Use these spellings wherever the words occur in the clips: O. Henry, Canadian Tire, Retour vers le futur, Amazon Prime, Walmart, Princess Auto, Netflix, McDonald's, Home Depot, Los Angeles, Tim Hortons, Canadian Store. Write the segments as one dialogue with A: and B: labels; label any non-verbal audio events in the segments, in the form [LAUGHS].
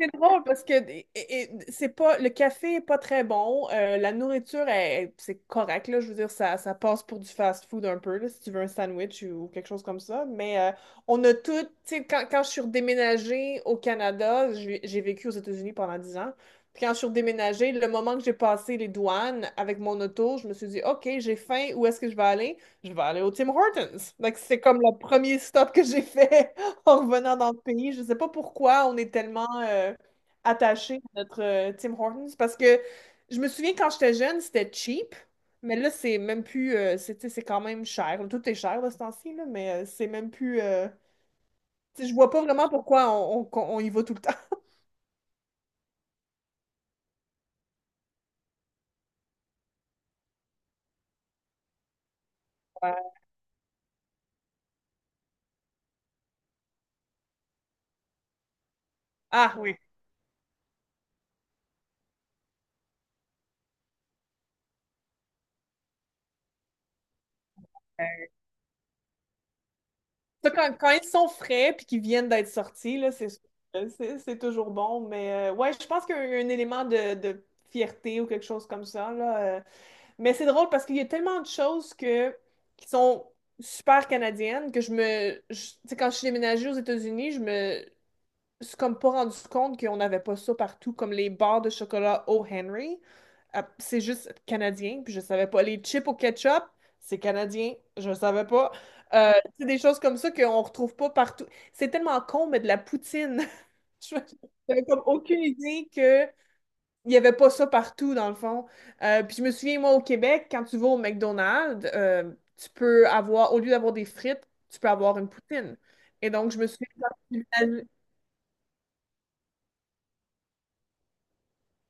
A: C'est drôle parce que c'est pas le café est pas très bon, la nourriture c'est correct là, je veux dire ça passe pour du fast-food un peu là, si tu veux un sandwich ou quelque chose comme ça, mais on a tout, tu sais quand je suis redéménagée au Canada, j'ai vécu aux États-Unis pendant 10 ans. Puis quand je suis redéménagée, le moment que j'ai passé les douanes avec mon auto, je me suis dit OK, j'ai faim, où est-ce que je vais aller? Je vais aller au Tim Hortons. Donc c'est comme le premier stop que j'ai fait [LAUGHS] en revenant dans le pays. Je ne sais pas pourquoi on est tellement attaché à notre Tim Hortons parce que je me souviens quand j'étais jeune, c'était cheap, mais là, c'est même plus. C'est Tu sais, c'est quand même cher. Tout est cher de ce temps-ci, là, mais c'est même plus. Tu sais, je vois pas vraiment pourquoi on y va tout le temps. [LAUGHS] Ah oui. Ça, quand ils sont frais puis qu'ils viennent d'être sortis, là, c'est sûr que c'est toujours bon. Mais ouais, je pense qu'il y a un élément de fierté ou quelque chose comme ça, là. Mais c'est drôle parce qu'il y a tellement de choses que, qui sont super canadiennes que tu sais, quand je suis déménagée aux États-Unis, je me suis comme pas rendu compte qu'on n'avait pas ça partout, comme les barres de chocolat O. Henry. C'est juste canadien, puis je savais pas. Les chips au ketchup, c'est canadien, je savais pas. Euh, c'est des choses comme ça qu'on retrouve pas partout. C'est tellement con, mais de la poutine. [LAUGHS] Je- J'avais comme aucune idée que il y avait pas ça partout, dans le fond. Puis je me souviens, moi, au Québec, quand tu vas au McDonald's, tu peux avoir, au lieu d'avoir des frites, tu peux avoir une poutine. Et donc, je me suis.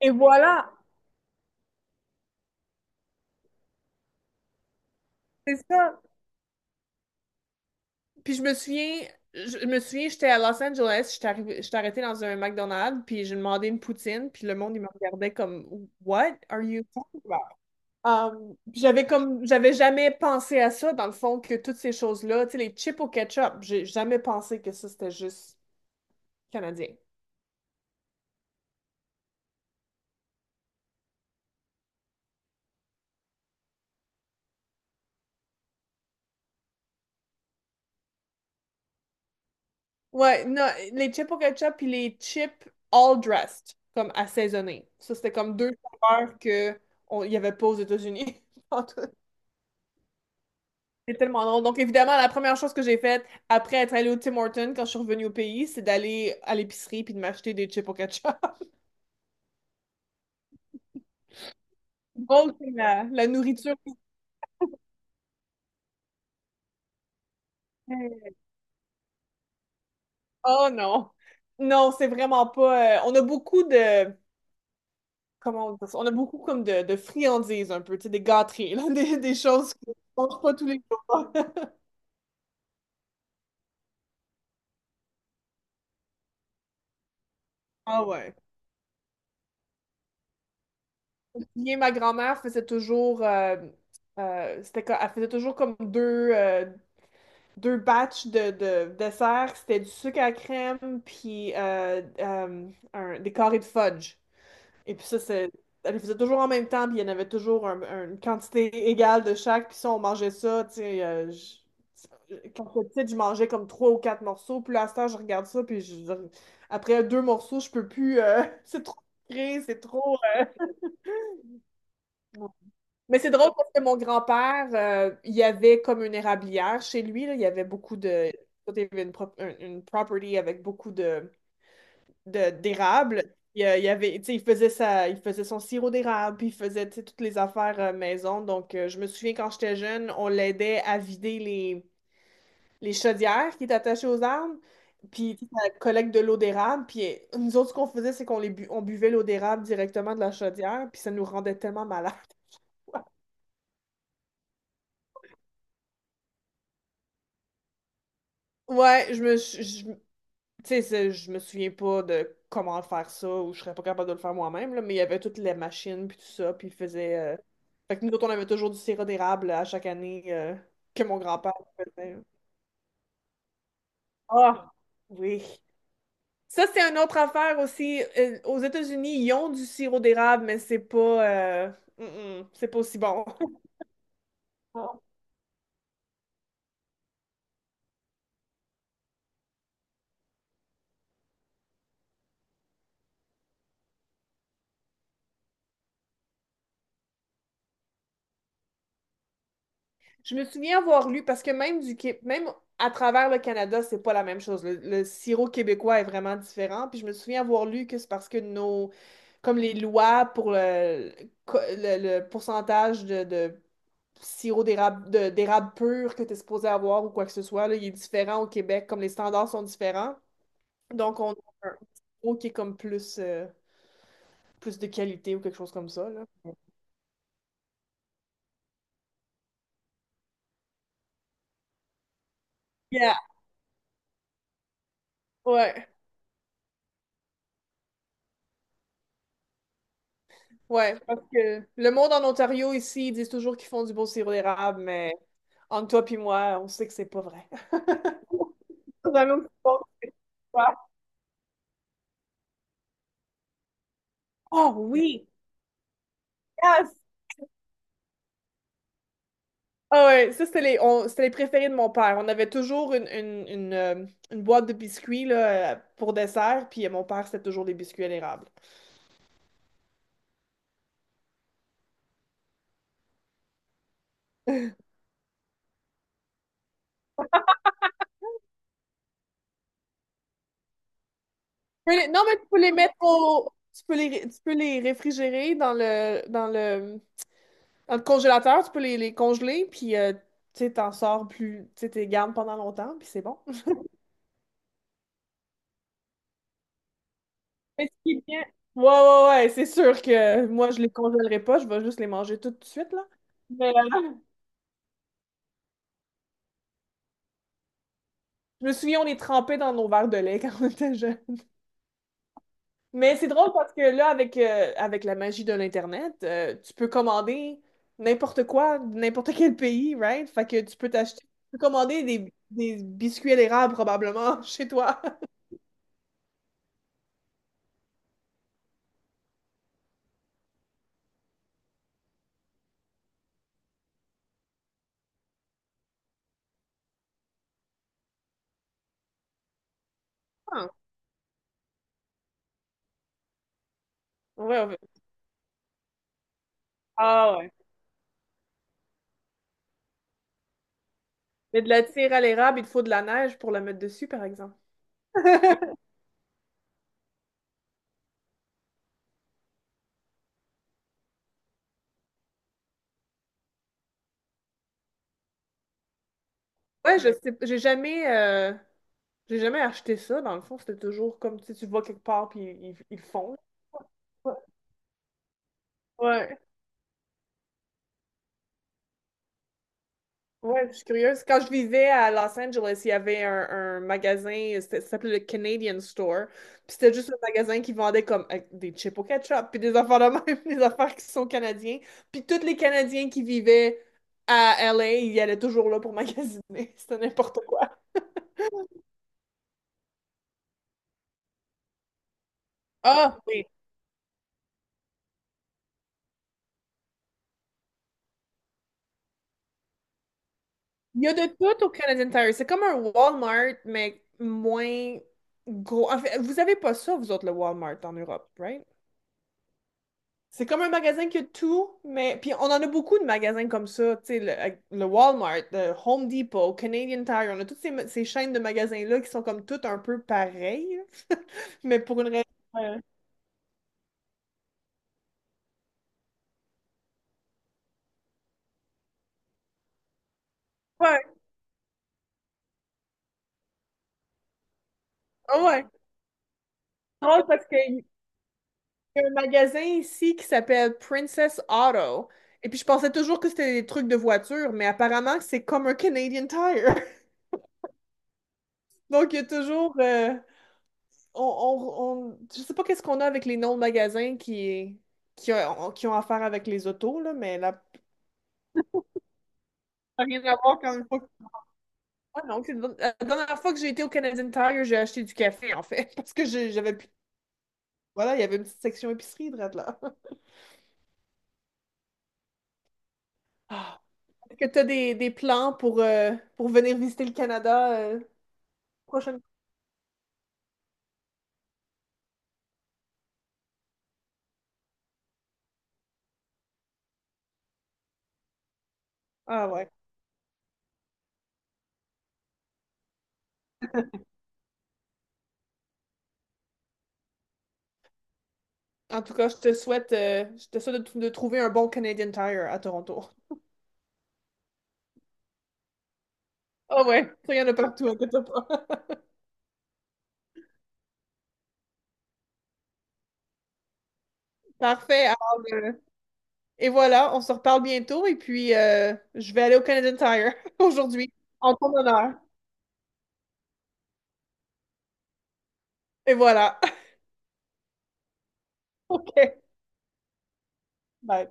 A: Et voilà! C'est ça. Puis je me souviens, j'étais à Los Angeles, j'étais arrêtée dans un McDonald's, puis j'ai demandé une poutine, puis le monde, il me regardait comme What are you talking about? Puis j'avais jamais pensé à ça, dans le fond, que toutes ces choses-là, tu sais, les chips au ketchup, j'ai jamais pensé que ça, c'était juste canadien. Ouais, non, les chips au ketchup, puis les chips all dressed, comme assaisonnés. Ça, c'était comme deux saveurs que il n'y avait pas aux États-Unis. [LAUGHS] C'est tellement long. Donc, évidemment, la première chose que j'ai faite après être allée au Tim Hortons quand je suis revenue au pays, c'est d'aller à l'épicerie puis de m'acheter des chips au ketchup. [LAUGHS] Donc, la nourriture. Oh non! Non, c'est vraiment pas. On a beaucoup de. Comment on dit ça? On a beaucoup comme de friandises un peu, tu sais, des gâteries, là, [LAUGHS] des choses qu'on ne mange pas tous les jours. [LAUGHS] Ah ouais. Bien, ma grand-mère faisait toujours. Elle faisait toujours comme deux batchs de dessert. C'était du sucre à crème, puis des carrés de fudge. Et puis ça, elle les faisait toujours en même temps, puis il y en avait toujours une quantité égale de chaque. Puis ça, on mangeait ça, tu sais. Quand j'étais petite, je mangeais comme trois ou quatre morceaux. Puis là, à ce temps, je regarde ça, puis après deux morceaux, je peux plus. [LAUGHS] C'est trop sucré, c'est trop. euh, mais c'est drôle parce que mon grand-père, il y avait comme une érablière chez lui, là. Il y avait beaucoup de. Il y avait une property avec beaucoup d'érable. Il y avait, tu sais, il faisait son sirop d'érable, puis il faisait, tu sais, toutes les affaires maison. Donc, je me souviens quand j'étais jeune, on l'aidait à vider les chaudières qui étaient attachées aux arbres, puis tu sais, ça collecte de l'eau d'érable. Puis nous autres, ce qu'on faisait, c'est qu'on buvait l'eau d'érable directement de la chaudière, puis ça nous rendait tellement malades. [LAUGHS] Ouais, je me, suis- je, tu sais, je me souviens pas de comment faire ça ou je serais pas capable de le faire moi-même, là, mais il y avait toutes les machines puis tout ça, puis il faisait. Fait que nous autres, on avait toujours du sirop d'érable à chaque année que mon grand-père faisait. Ah, oui. Ça, c'est une autre affaire aussi. Aux États-Unis, ils ont du sirop d'érable, mais c'est pas, mm, c'est pas aussi bon. [LAUGHS] Je me souviens avoir lu, parce que même à travers le Canada, c'est pas la même chose. Le sirop québécois est vraiment différent. Puis je me souviens avoir lu que c'est parce que comme les lois pour le pourcentage de sirop d'érable, d'érable pur que tu es supposé avoir ou quoi que ce soit, là, il est différent au Québec, comme les standards sont différents. Donc on a un sirop qui est comme plus de qualité ou quelque chose comme ça, là. Yeah. Ouais. Ouais, parce que le monde en Ontario ici, ils disent toujours qu'ils font du beau sirop d'érable, mais entre toi puis moi, on sait que c'est pas vrai. [LAUGHS] On a même pas- Ouais. Oh oui! Yes! Ah ouais, ça c'était les préférés de mon père. On avait toujours une boîte de biscuits là, pour dessert, puis mon père c'était toujours des biscuits à l'érable. Non, mais tu peux les mettre au. Tu peux les réfrigérer dans le congélateur, tu peux les congeler, puis tu sais, t'en sors plus, tu sais, t'es gardes pendant longtemps, puis c'est bon. [LAUGHS] Mais ce qui est bien- Ouais, ouais, ouais, c'est sûr que moi, je les congèlerai pas, je vais juste les manger tout de suite, là. Mais je me souviens, on les trempait dans nos verres de lait [LAUGHS] quand on était jeunes. Mais c'est drôle parce que là, avec la magie de l'Internet, tu peux commander n'importe quoi, de n'importe quel pays, right? Fait que tu peux t'acheter, tu peux commander des biscuits à l'érable probablement [LAUGHS] chez toi. Ah, ouais, ouais. Ah, mais de la tire à l'érable, il te faut de la neige pour la mettre dessus, par exemple. [LAUGHS] Ouais, je sais, j'ai jamais acheté ça, dans le fond. C'était toujours comme, tu sais, tu vas quelque part, puis ils le font. Ouais, ouais, je suis curieuse. Quand je vivais à Los Angeles, il y avait un magasin, ça s'appelait le Canadian Store. Puis c'était juste un magasin qui vendait comme des chips au ketchup, puis des affaires de même, [LAUGHS] des affaires qui sont canadiens. Puis tous les Canadiens qui vivaient à LA, ils allaient toujours là pour magasiner. [LAUGHS] C'était n'importe quoi. Ah, oui. Il y a de tout au Canadian Tire. C'est comme un Walmart, mais moins gros. En fait, vous avez pas ça, vous autres, le Walmart en Europe, right? C'est comme un magasin qui a tout, mais. Puis on en a beaucoup de magasins comme ça, tu sais, le Walmart, le Home Depot, Canadian Tire, on a toutes ces chaînes de magasins-là qui sont comme toutes un peu pareilles, [LAUGHS] mais pour une raison. Ouais, ouais. Ah ouais. Drôle parce que Il y a un magasin ici qui s'appelle Princess Auto. Et puis, je pensais toujours que c'était des trucs de voiture, mais apparemment, c'est comme un Canadian Tire. [LAUGHS] Donc, il y a toujours. On- je sais pas qu'est-ce qu'on a avec les noms de magasins qui ont affaire avec les autos, là, mais là, ça n'a rien à voir quand une fois. Ah non, la dernière fois que j'ai été au Canadian Tire, j'ai acheté du café, en fait, [LAUGHS] parce que j'avais plus. Voilà, il y avait une petite section épicerie, drette là. [LAUGHS] Ah. Est-ce que tu as des plans pour venir visiter le Canada? Prochaine. Ah ouais. En tout cas, je te souhaite de trouver un bon Canadian Tire à Toronto. Ah ouais, ça, il y en a partout, inquiète-toi pas. [LAUGHS] Parfait. Alors, euh, et voilà, on se reparle bientôt et puis je vais aller au Canadian Tire [LAUGHS] aujourd'hui en ton honneur. Et voilà. [LAUGHS] OK. Bye.